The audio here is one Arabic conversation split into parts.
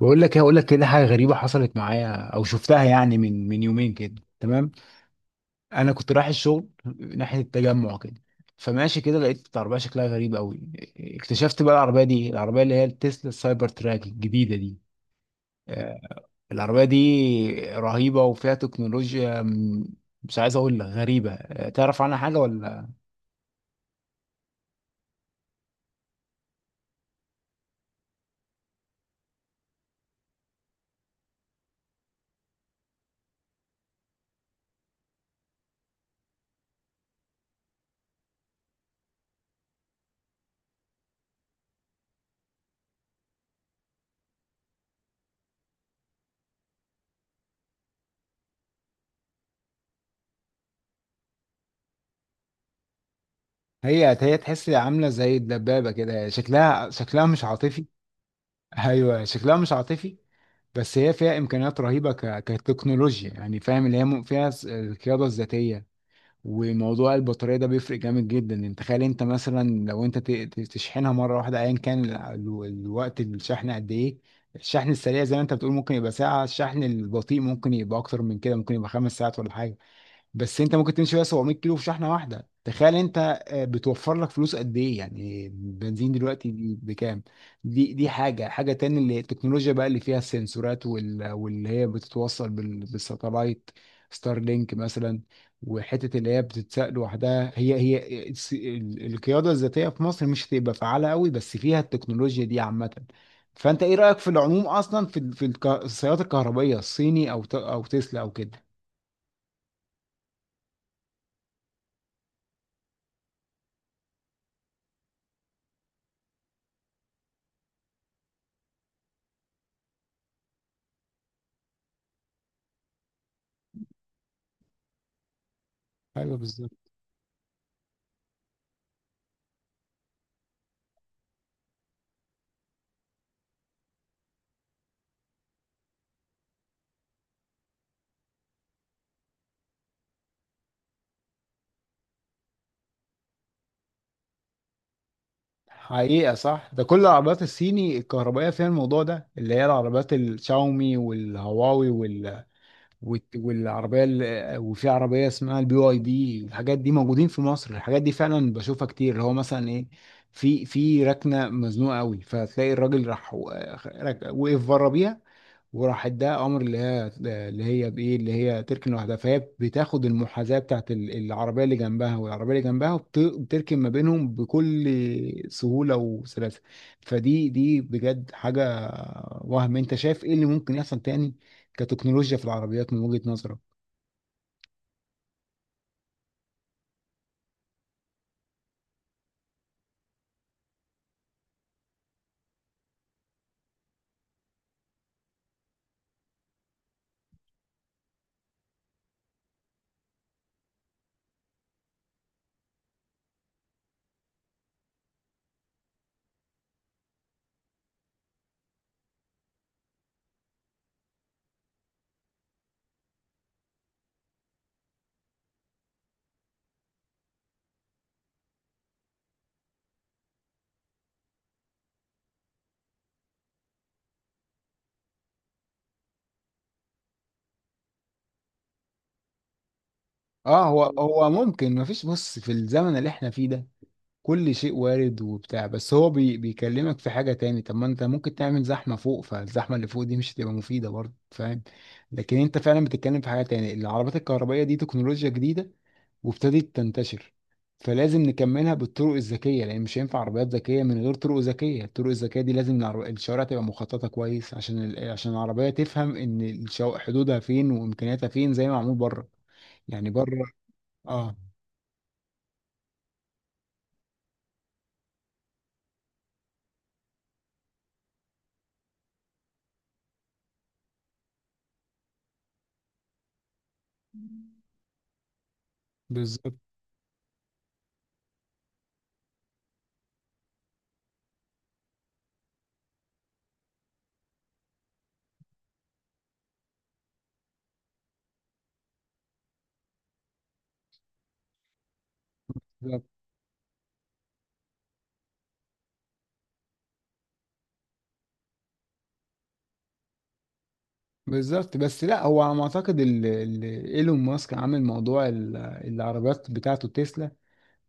بقول لك ايه، هقول لك كده حاجه غريبه حصلت معايا او شفتها يعني من يومين كده، تمام. انا كنت رايح الشغل ناحيه التجمع كده. فماشي كده، لقيت عربيه شكلها غريب قوي. اكتشفت بقى العربيه دي، العربيه اللي هي التسلا السايبر تراك الجديده دي. آه، العربيه دي رهيبه وفيها تكنولوجيا مش عايز اقول لك غريبه. تعرف عنها حاجه ولا؟ هي هي تحس عامله زي الدبابه كده، شكلها شكلها مش عاطفي. ايوه، شكلها مش عاطفي. بس هي فيها امكانيات رهيبه كتكنولوجيا يعني، فاهم اللي هي فيها القياده الذاتيه. وموضوع البطاريه ده بيفرق جامد جدا. انت تخيل انت مثلا لو انت تشحنها مره واحده، ايا كان الوقت الشحن قد ايه. الشحن السريع زي ما انت بتقول ممكن يبقى ساعه، الشحن البطيء ممكن يبقى اكتر من كده، ممكن يبقى 5 ساعات ولا حاجه. بس انت ممكن تمشي بقى 700 كيلو في شحنه واحده، تخيل انت. بتوفر لك فلوس قد ايه يعني، بنزين دلوقتي دي بكام. دي حاجه تاني، اللي التكنولوجيا بقى اللي فيها السنسورات واللي هي بتتوصل بالساتلايت. ستار لينك مثلا. وحته اللي هي بتتساق لوحدها، هي هي القياده الذاتيه في مصر مش هتبقى فعاله قوي، بس فيها التكنولوجيا دي عامه. فانت ايه رايك في العموم، اصلا في السيارات الكهربائيه الصيني، او او تسلا او كده؟ ايوه، بالظبط. حقيقة صح، ده كل العربيات الصيني الكهربائية فيها الموضوع ده، اللي هي العربيات الشاومي والهواوي وال... والت- والعربية ال... وفي عربية اسمها BYD. الحاجات دي موجودين في مصر، الحاجات دي فعلا بشوفها كتير. اللي هو مثلا ايه، في ركنة مزنوقة قوي، فتلاقي الراجل راح وقف بره بيها، وراح اداها امر اللي هي تركن لوحدها. فهي بتاخد المحاذاه بتاعت العربيه اللي جنبها والعربيه اللي جنبها، وبتركن ما بينهم بكل سهوله وسلاسه. فدي بجد حاجه. وهم انت شايف ايه اللي ممكن يحصل تاني كتكنولوجيا في العربيات من وجهه نظرك؟ اه، هو هو ممكن. ما فيش بص، في الزمن اللي احنا فيه ده كل شيء وارد وبتاع. بس هو بيكلمك في حاجة تاني. طب ما انت ممكن تعمل زحمة فوق، فالزحمة اللي فوق دي مش هتبقى مفيدة برضه، فاهم. لكن انت فعلا بتتكلم في حاجة تاني. العربات الكهربائية دي تكنولوجيا جديدة وابتدت تنتشر، فلازم نكملها بالطرق الذكية، لأن مش هينفع عربيات ذكية من غير طرق ذكية. الطرق الذكية دي لازم الشوارع تبقى مخططة كويس، عشان عشان العربية تفهم إن حدودها فين وإمكانياتها فين، زي ما معمول بره، يعني بره. اه، بالظبط. بالظبط، بس لا هو على ما اعتقد ايلون ماسك عامل موضوع العربيات بتاعته تسلا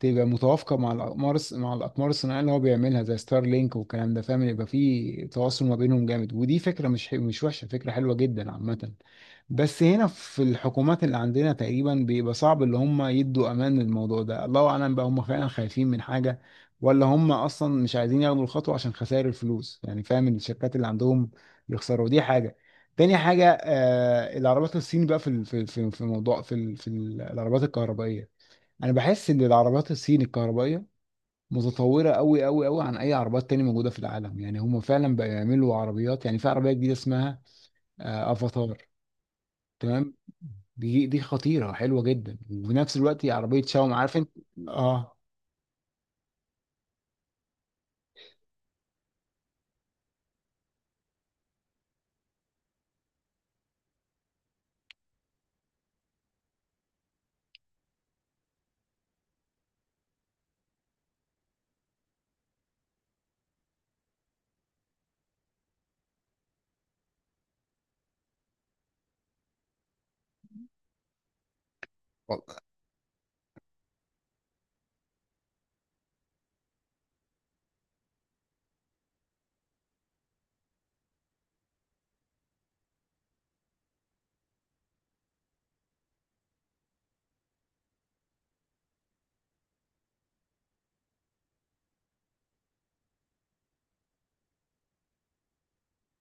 تبقى متوافقه مع الاقمار الصناعيه اللي هو بيعملها زي ستار لينك والكلام ده، فاهم. يبقى في تواصل ما بينهم جامد، ودي فكره مش وحشه، فكره حلوه جدا عامه. بس هنا في الحكومات اللي عندنا تقريبا بيبقى صعب اللي هم يدوا امان للموضوع ده. الله اعلم بقى هم فعلا خايفين من حاجه، ولا هم اصلا مش عايزين ياخدوا الخطوه عشان خسائر الفلوس، يعني فاهم الشركات اللي عندهم يخسروا. دي حاجه. تاني حاجه، العربيات الصين بقى، في موضوع، في العربيات الكهربائيه، انا بحس ان العربيات الصين الكهربائيه متطوره قوي قوي قوي عن اي عربيات تانية موجوده في العالم. يعني هم فعلا بقى يعملوا عربيات، يعني في عربيه جديده اسمها افاتار. تمام. دي خطيره حلوه جدا، وفي نفس الوقت هي عربيه شاومي، عارف انت. اه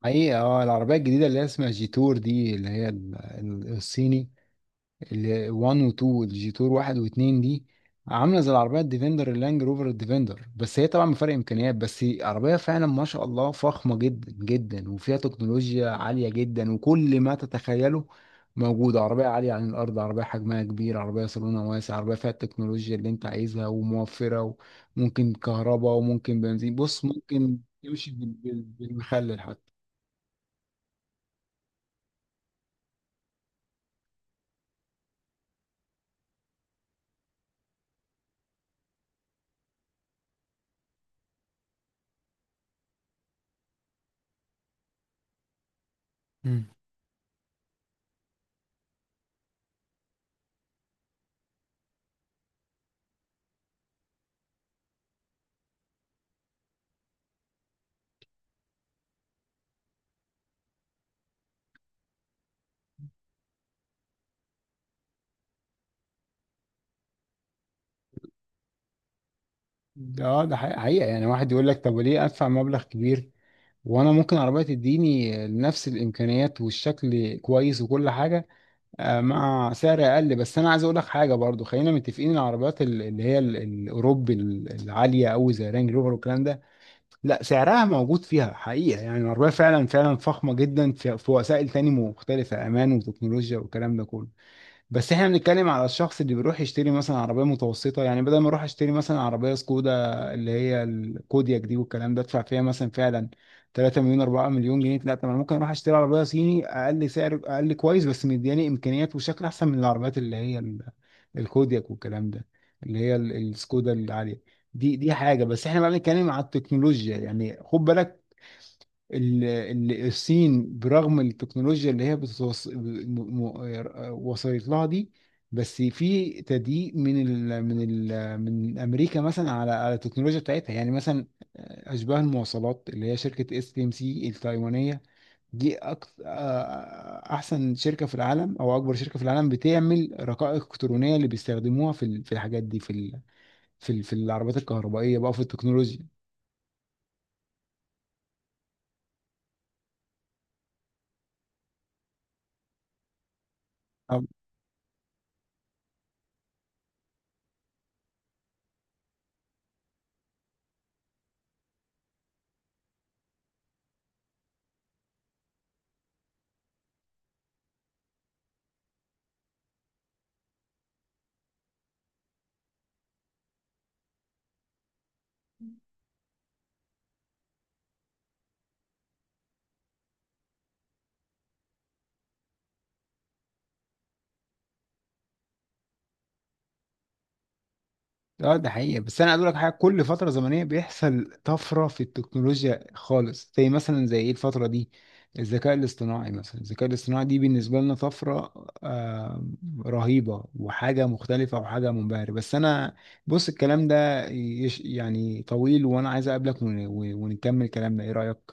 حقيقة، اه، العربية الجديدة اللي هي اسمها جيتور دي، اللي هي الصيني، ال 1 و 2، الجي تور 1 و 2 دي، عامله زي العربيه الديفندر، اللانج روفر الديفندر، بس هي طبعا بفرق امكانيات. بس عربيه فعلا ما شاء الله فخمه جدا جدا، وفيها تكنولوجيا عاليه جدا وكل ما تتخيله موجود. عربيه عاليه عن الارض، عربيه حجمها كبير، عربيه صالونها واسع، عربيه فيها التكنولوجيا اللي انت عايزها وموفره، وممكن كهرباء وممكن بنزين. بص ممكن تمشي بالمخلل حتى. مم. ده حقيقة حقيقة، يعني واحد يقول لك طب ليه ادفع مبلغ كبير، وانا ممكن عربية تديني نفس الامكانيات والشكل كويس وكل حاجة مع سعر اقل. بس انا عايز اقول لك حاجة برضو، خلينا متفقين. العربيات الاوروبي العالية قوي زي رانج روفر والكلام ده، لا سعرها موجود فيها حقيقة. يعني العربية فعلا فعلا فخمة جدا، في وسائل تاني مختلفة، امان وتكنولوجيا والكلام ده كله. بس احنا بنتكلم على الشخص اللي بيروح يشتري مثلا عربية متوسطة. يعني بدل ما اروح اشتري مثلا عربية سكودا اللي هي الكودياك دي والكلام ده، ادفع فيها مثلا فعلا 3 مليون 4 مليون جنيه. لا، طب انا ممكن اروح اشتري عربية صيني اقل سعر، اقل كويس، بس مدياني امكانيات وشكل احسن من العربيات اللي هي الكودياك والكلام ده، اللي هي السكودا العالية. دي حاجة. بس احنا بقى بنتكلم على التكنولوجيا يعني خد بالك، الصين برغم التكنولوجيا اللي هي وصلت لها دي، بس في تضييق من امريكا مثلا على التكنولوجيا بتاعتها، يعني مثلا اشباه المواصلات اللي هي شركه STMC التايوانيه دي، احسن شركه في العالم او اكبر شركه في العالم بتعمل رقائق الكترونيه اللي بيستخدموها في في الحاجات دي، في في العربيات الكهربائيه بقى، في التكنولوجيا. اه ده حقيقة. بس انا اقول لك حاجة، كل فترة زمنية بيحصل طفرة في التكنولوجيا خالص، زي مثلا زي ايه الفترة دي، الذكاء الاصطناعي مثلا. الذكاء الاصطناعي دي بالنسبة لنا طفرة آه رهيبة، وحاجة مختلفة، وحاجة منبهرة. بس انا، بص الكلام ده يعني طويل، وانا عايز اقابلك ونكمل كلامنا، ايه رأيك؟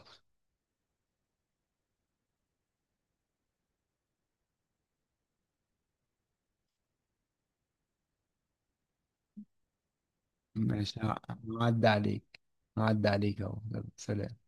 ماشي. هعدي عليك، هعدي عليك اهو، يلا، سلام.